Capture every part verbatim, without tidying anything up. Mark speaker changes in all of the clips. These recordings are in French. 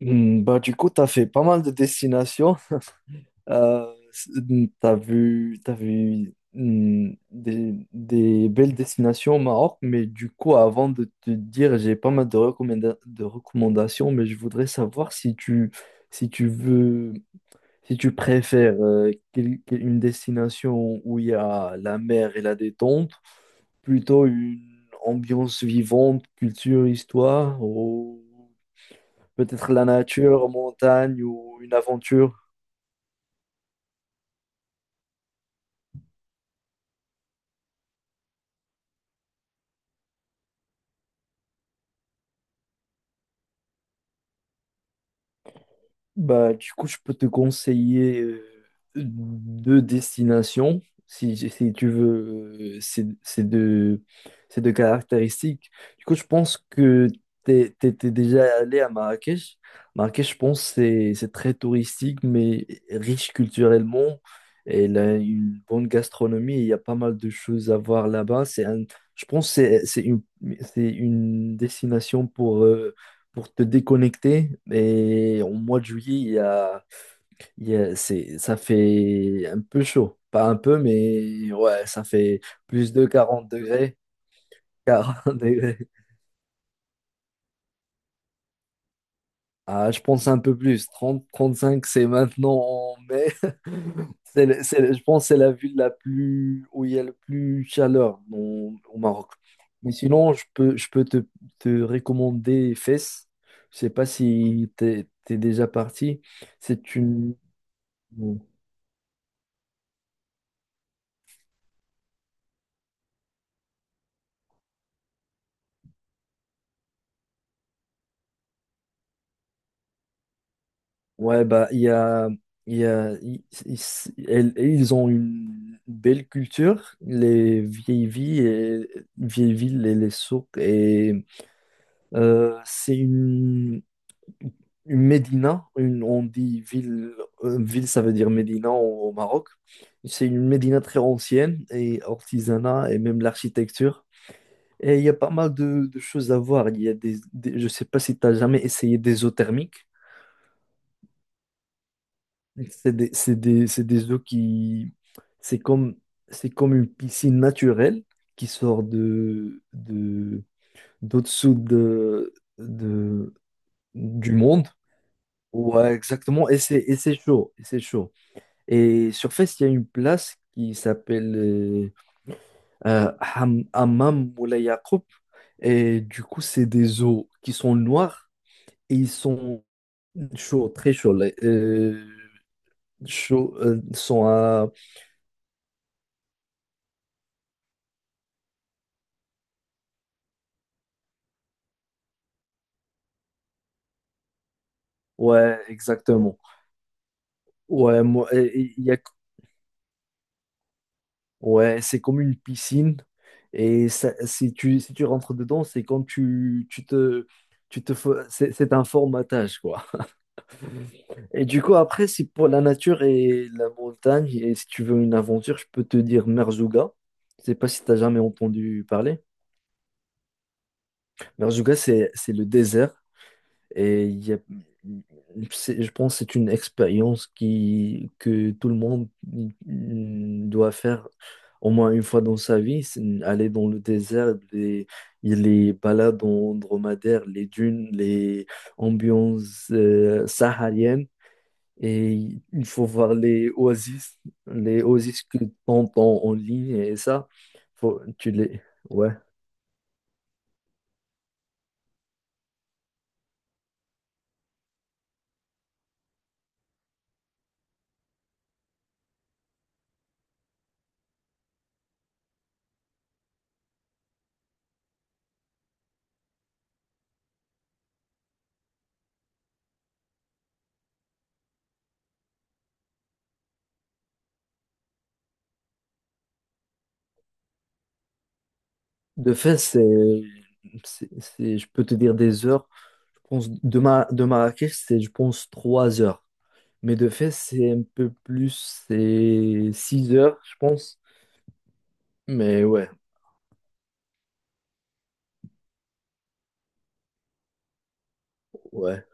Speaker 1: Hmm. Bah, du coup, tu as fait pas mal de destinations. Euh, tu as vu, t'as vu hmm, des, des belles destinations au Maroc, mais du coup, avant de te dire, j'ai pas mal de recommanda- de recommandations, mais je voudrais savoir si tu, si tu veux, si tu préfères euh, quel- quel- une destination où il y a la mer et la détente, plutôt une ambiance vivante, culture, histoire, peut-être la nature, montagne ou une aventure. Bah, du coup, je peux te conseiller euh, deux destinations si, si tu veux euh, ces, ces deux, ces deux caractéristiques. Du coup, je pense que tu étais déjà allé à Marrakech. Marrakech, je pense, c'est c'est très touristique, mais riche culturellement. Elle a une bonne gastronomie et il y a pas mal de choses à voir là-bas. C'est un- je pense que c'est c'est une, c'est une destination pour, euh, pour te déconnecter. Et au mois de juillet, il y a, il y a- c'est, ça fait un peu chaud. Pas un peu, mais ouais, ça fait plus de quarante degrés. Quarante degrés. Ah, je pense un peu plus. Trente, trente cinq, c'est maintenant en mai. C'est, le- c'est le- je pense que c'est la ville la plus, où il y a le plus chaleur dans- au Maroc. Mais sinon, je peux, je peux te, te recommander Fès. Je sais pas si t'es, t'es déjà parti. C'est une, Ouais, bah, il y a, il y a, ils, ils- elles- ils ont une belle culture, les vieilles villes, et vieilles villes et les souks. Et euh, c'est une, une médina, une, on dit ville, euh, ville, ça veut dire médina au, au Maroc. C'est une médina très ancienne et artisanat et même l'architecture. Et il y a pas mal de, de choses à voir. Il y a des, des- je sais pas si tu as jamais essayé des eaux thermiques. C'est des, c'est des, c'est des eaux qui... C'est comme, c'est comme une piscine naturelle qui sort de, de, d'au-dessous de, de, du monde. Ouais, exactement. Et c'est, et c'est chaud. Et c'est chaud. Et sur Fès, il y a une place qui s'appelle euh, euh, Ham- Hammam Moulay Yacoub. Et du coup, c'est des eaux qui sont noires et ils sont chauds, très chauds. Les- euh, chauds, euh, sont à. Ouais, exactement. Ouais, moi, il y a, ouais, c'est comme une piscine. Et ça- si tu, si tu rentres dedans, c'est comme tu, tu te, tu te, fais- c'est c'est un formatage, quoi. Et du coup, après, si pour la nature et la montagne, et si tu veux une aventure, je peux te dire Merzouga. Je sais pas si tu as jamais entendu parler. Merzouga, c'est, c'est le désert. Et il y a- c'est- je pense que c'est une expérience qui, que tout le monde mm, doit faire au moins une fois dans sa vie, c'est aller dans le désert, les, les balades en dromadaire, les dunes, les ambiances euh, sahariennes. Et il faut voir les oasis, les oasis, que t'entends en ligne et ça, faut, tu les... Ouais. De fait, c'est, c'est, c'est- je peux te dire des heures. Je pense de, Ma- de Marrakech, c'est, je pense, trois heures. Mais de fait, c'est un peu plus, c'est six heures, je pense. Mais ouais, ouais.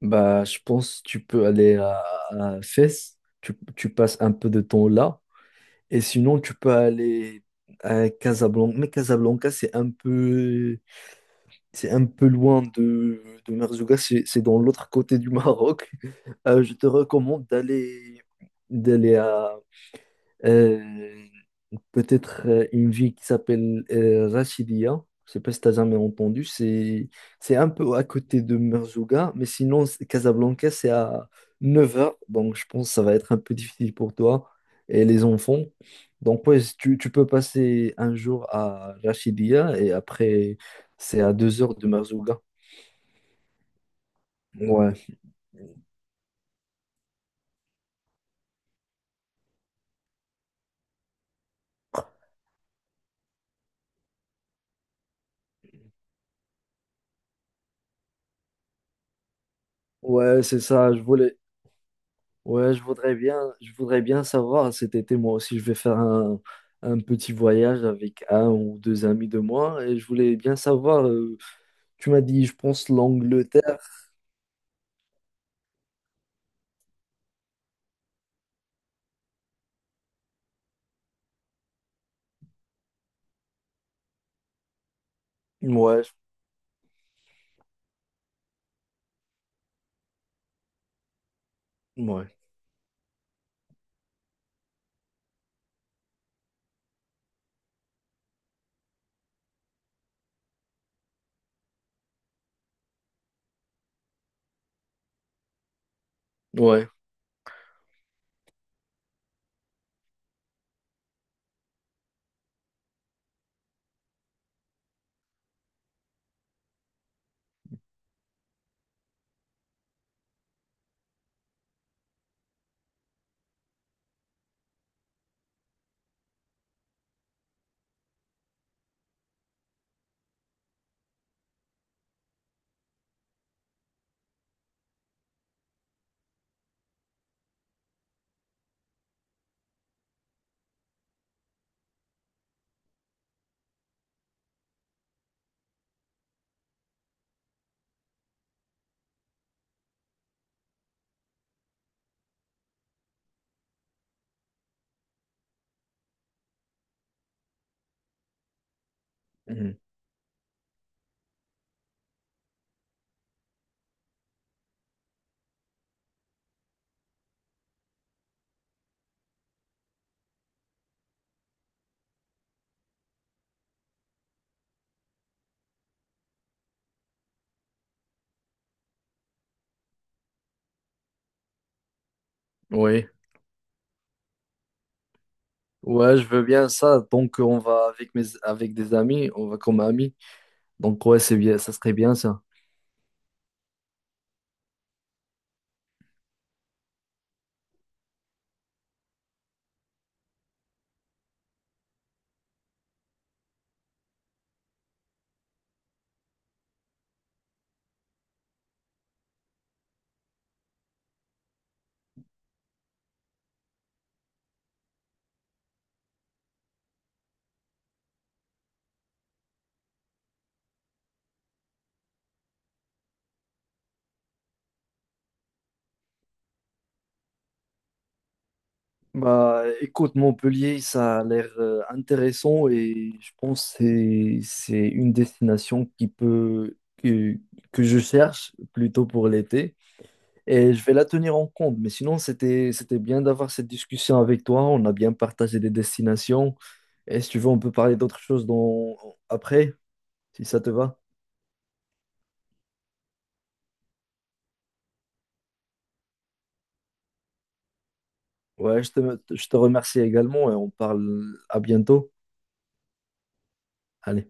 Speaker 1: Bah, je pense que tu peux aller à, à Fès, tu, tu passes un peu de temps là. Et sinon, tu peux aller à Casablanca. Mais Casablanca, c'est un peu. C'est un peu loin de, de Merzouga, c'est c'est dans l'autre côté du Maroc. Euh, je te recommande d'aller d'aller à euh, peut-être euh, une ville qui s'appelle euh, Rachidia. Je sais pas si tu as jamais entendu. C'est c'est un peu à côté de Merzouga, mais sinon c'est- Casablanca c'est à neuf heures, donc je pense que ça va être un peu difficile pour toi et les enfants. Donc ouais, si tu, tu peux passer un jour à Rachidia et après c'est à deux heures de Merzouga. Ouais, ouais, c'est ça. Je voulais, ouais, je voudrais bien, je voudrais bien savoir cet été, moi aussi, je vais faire un, un petit voyage avec un ou deux amis de moi et je voulais bien savoir. euh, tu m'as dit, je pense, l'Angleterre. Ouais, je- ouais, ouais, mhm, ouais, ouais, je veux bien ça. Donc, on va avec mes, avec des amis, on va comme amis. Donc, ouais, c'est bien, ça serait bien ça. Bah, écoute, Montpellier, ça a l'air euh, intéressant et je pense que c'est c'est une destination qui peut que, que je cherche plutôt pour l'été et je vais la tenir en compte. Mais sinon, c'était c'était bien d'avoir cette discussion avec toi. On a bien partagé des destinations et si tu veux, on peut parler d'autres choses dans... après, si ça te va. Ouais, je te, je te remercie également et on parle à bientôt. Allez.